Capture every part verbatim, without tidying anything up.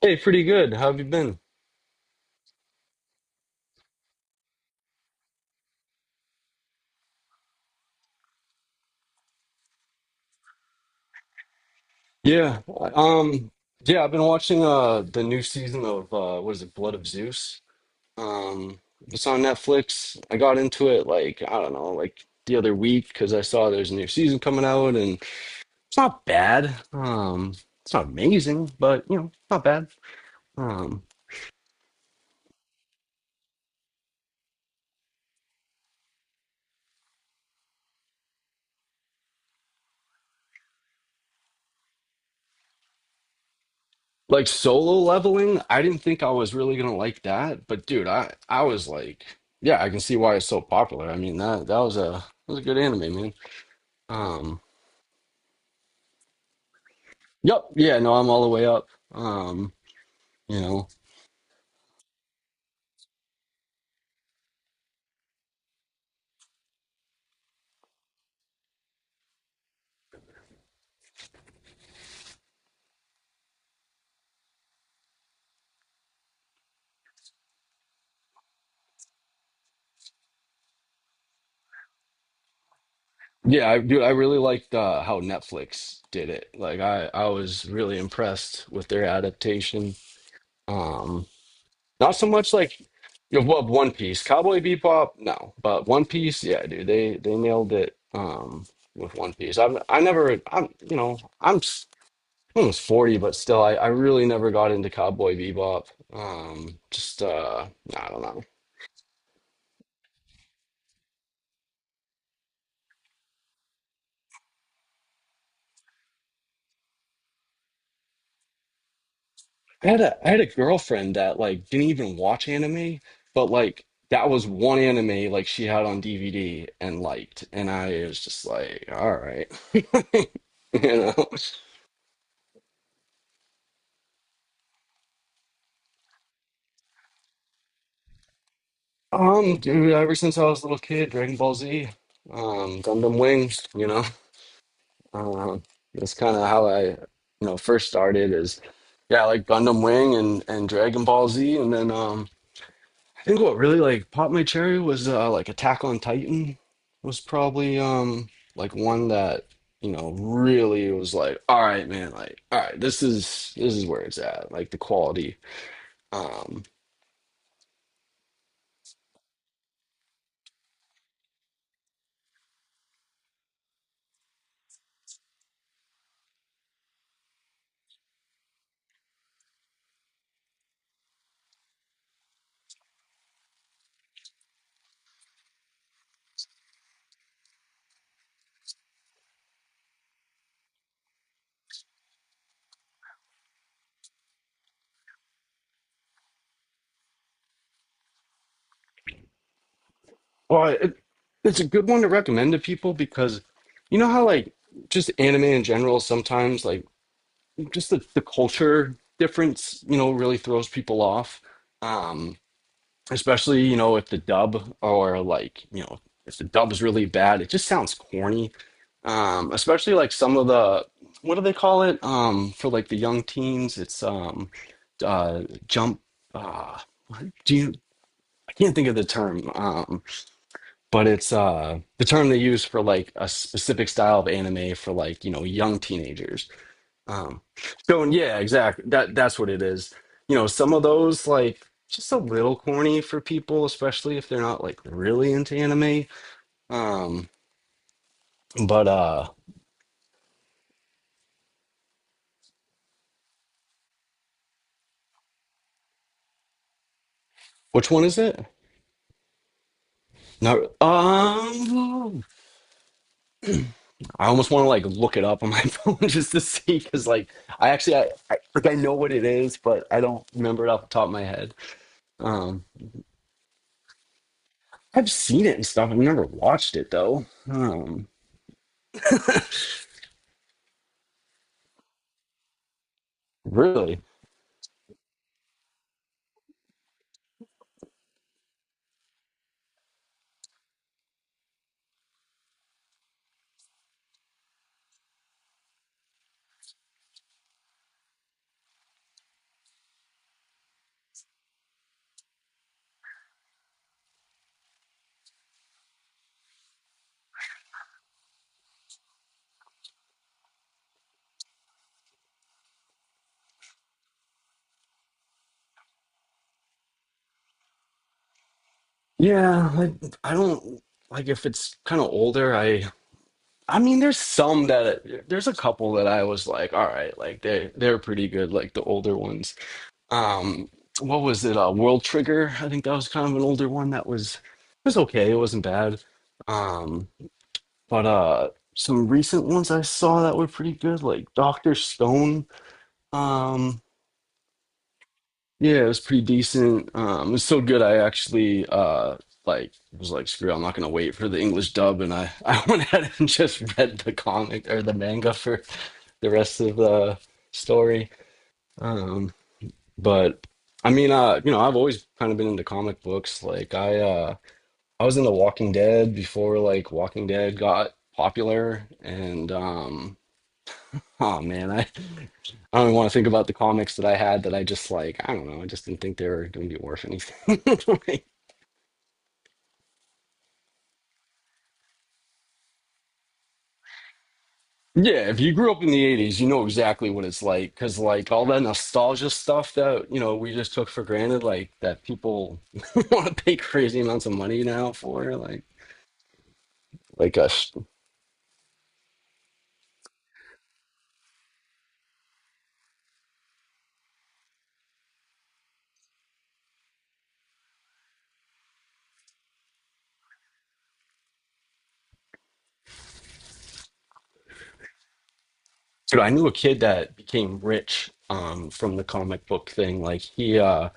Hey, pretty good. How have you been? Yeah. Um, yeah, I've been watching uh the new season of uh what is it, Blood of Zeus. Um, it's on Netflix. I got into it like, I don't know, like the other week because I saw there's a new season coming out and it's not bad. Um, it's not amazing, but you know, not bad. Um, like Solo Leveling, I didn't think I was really gonna like that, but dude, I I was like, yeah, I can see why it's so popular. I mean, that that was a that was a good anime, man. Um Yep. Yeah. No, I'm all the way up. Um, you know. Yeah, I dude, I really liked uh how Netflix did it. Like I I was really impressed with their adaptation. Um not so much like you know, what One Piece, Cowboy Bebop, no, but One Piece, yeah, dude, they they nailed it um with One Piece. I've I never I'm you know, I'm s- almost forty, but still I I really never got into Cowboy Bebop. Um just uh I don't know. I had a I had a girlfriend that like didn't even watch anime, but like that was one anime like she had on D V D and liked, and I was just like, all right, you know. Um, dude, ever since I was a little kid, Dragon Ball Z, um, Gundam Wing, you know, um, that's kind of how I, you know, first started is, yeah, like Gundam Wing and and Dragon Ball Z, and then um. I think what really like popped my cherry was uh like Attack on Titan was probably um like one that you know really was like all right man like all right this is this is where it's at like the quality um well it, it's a good one to recommend to people because you know how like just anime in general sometimes like just the, the culture difference you know really throws people off. Um, especially you know if the dub or like you know if the dub's really bad it just sounds corny um especially like some of the what do they call it um for like the young teens it's um uh jump uh what do you I can't think of the term um but it's uh the term they use for like a specific style of anime for like you know young teenagers. um, so yeah, exactly. That that's what it is. You know, some of those like just a little corny for people, especially if they're not like really into anime. Um, but uh, which one is it? Not um, I almost want to like look it up on my phone just to see because like I actually I, I like I know what it is, but I don't remember it off the top of my head. Um, I've seen it and stuff. I've never watched it though. Um, really. Yeah, I, I don't like if it's kind of older. I I mean, there's some that there's a couple that I was like, all right, like they they're pretty good, like the older ones. Um, what was it? Uh, World Trigger. I think that was kind of an older one that was it was okay. It wasn't bad. Um, but uh, some recent ones I saw that were pretty good, like Doctor Stone. Um, Yeah, it was pretty decent. Um, it was so good. I actually uh like was like, screw, it, I'm not gonna wait for the English dub, and I I went ahead and just read the comic or the manga for the rest of the story. Um, but I mean, uh, you know, I've always kind of been into comic books. Like I uh I was into Walking Dead before like Walking Dead got popular, and um, oh man, I I don't even want to think about the comics that I had that I just like, I don't know, I just didn't think they were going to be worth anything. Yeah, if you grew up in the eighties, you know exactly what it's like. Because, like, all that nostalgia stuff that, you know, we just took for granted, like, that people want to pay crazy amounts of money now for, like, like us. Dude, I knew a kid that became rich um, from the comic book thing. Like, he, uh,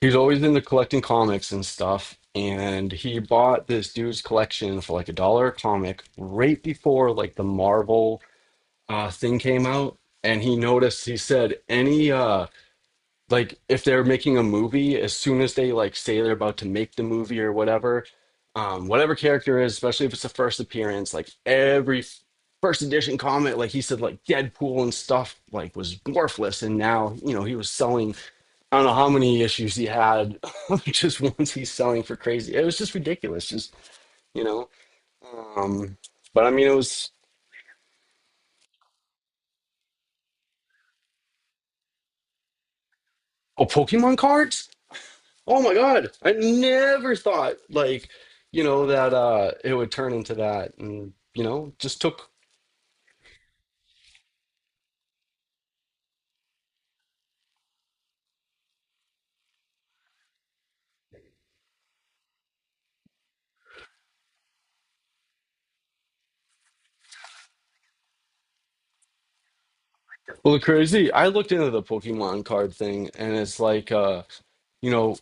he was always into collecting comics and stuff. And he bought this dude's collection for like a dollar a comic right before, like, the Marvel uh, thing came out. And he noticed, he said, any, uh, like if they're making a movie as soon as they like say they're about to make the movie or whatever um whatever character is, especially if it's the first appearance, like every f- first edition comic, like he said like Deadpool and stuff like was worthless and now you know he was selling I don't know how many issues he had. Just once he's selling for crazy, it was just ridiculous just you know. um but I mean it was oh Pokemon cards. Oh my God. I never thought like, you know, that uh it would turn into that and you know, just took well the crazy. I looked into the Pokemon card thing and it's like uh, you know,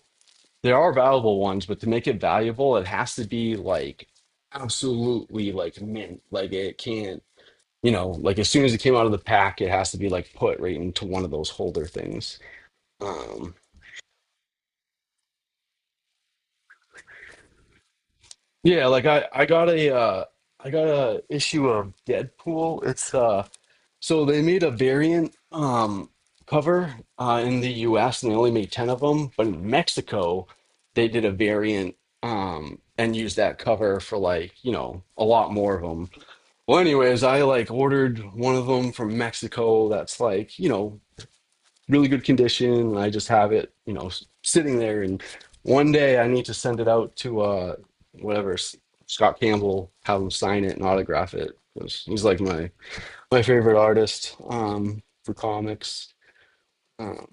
there are valuable ones, but to make it valuable it has to be like absolutely like mint. Like it can't you know, like as soon as it came out of the pack, it has to be like put right into one of those holder things. Um yeah, like I I got a uh I got a issue of Deadpool. It's uh so they made a variant um, cover uh, in the U S and they only made ten of them, but in Mexico they did a variant um, and used that cover for like you know a lot more of them. Well, anyways, I like ordered one of them from Mexico that's like you know really good condition, and I just have it you know s- sitting there. And one day I need to send it out to uh, whatever S- Scott Campbell, have him sign it and autograph it. 'Cause he's like my my favorite artist um, for comics. Um,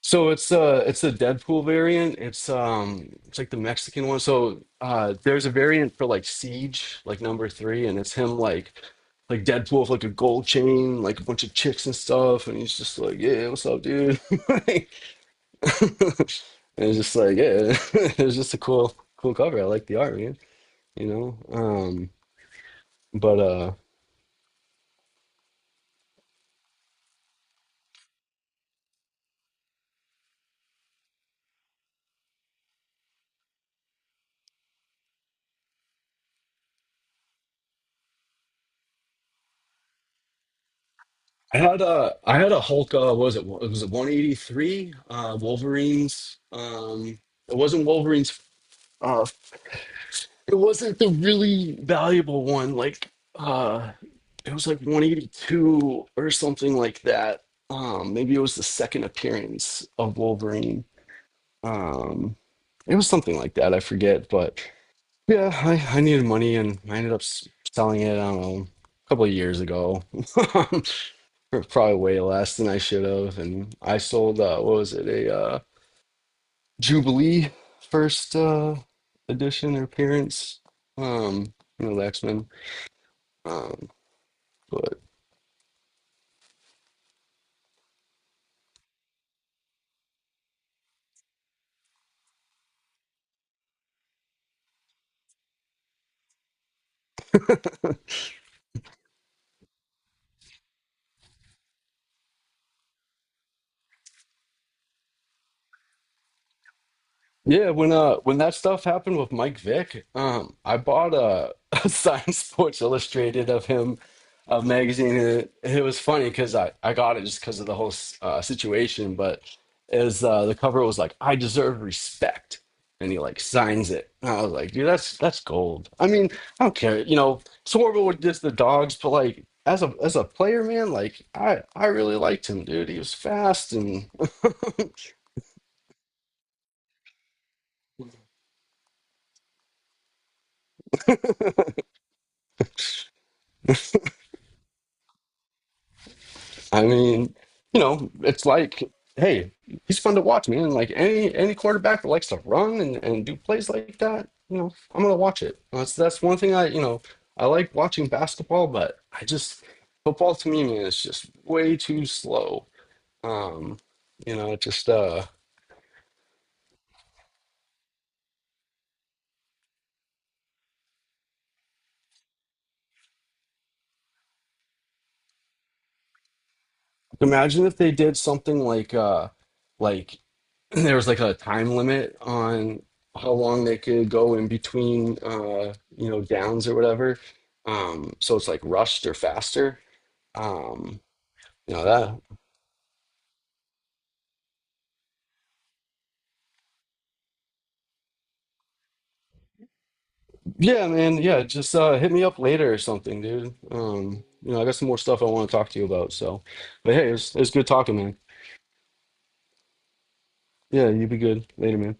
so it's uh it's the Deadpool variant. It's um it's like the Mexican one. So uh there's a variant for like Siege, like number three, and it's him like like Deadpool with like a gold chain, like a bunch of chicks and stuff, and he's just like, "Yeah, what's up, dude?" like, and it's just like, yeah, it was just a cool cool cover. I like the art, man. You know? Um but uh, I had a I had a Hulk. Uh, what was it? It was it one eighty-three uh, Wolverines. Um, it wasn't Wolverines. Uh, it wasn't the really valuable one. Like uh, it was like one eighty-two or something like that. Um, maybe it was the second appearance of Wolverine. Um, it was something like that. I forget, but yeah, I, I needed money and I ended up s- selling it. I don't know, a couple of years ago. For probably way less than I should have. And I sold uh what was it, a uh Jubilee first uh edition or appearance. Um, you know, the X-Men. Um, but yeah, when uh when that stuff happened with Mike Vick, um, I bought a, a Science Sports Illustrated of him, a magazine. And it, it was funny because I I got it just because of the whole s- uh, situation. But as uh, the cover was like, "I deserve respect," and he like signs it. And I was like, "Dude, that's that's gold." I mean, I don't care. You know, it's horrible with just the dogs, but like as a as a player, man, like I I really liked him, dude. He was fast. I mean, you know, it's like, hey, he's fun to watch, man. Like any any quarterback that likes to run and, and do plays like that, you know, I'm gonna watch it. Well, That's that's one thing I, you know, I like watching basketball, but I just football to me, man, is just way too slow. Um, you know, it just uh imagine if they did something like uh like there was like a time limit on how long they could go in between uh you know downs or whatever um so it's like rushed or faster um you know that yeah man yeah just uh hit me up later or something dude um you know I got some more stuff I want to talk to you about so but hey it's it's good talking man yeah you be good later man.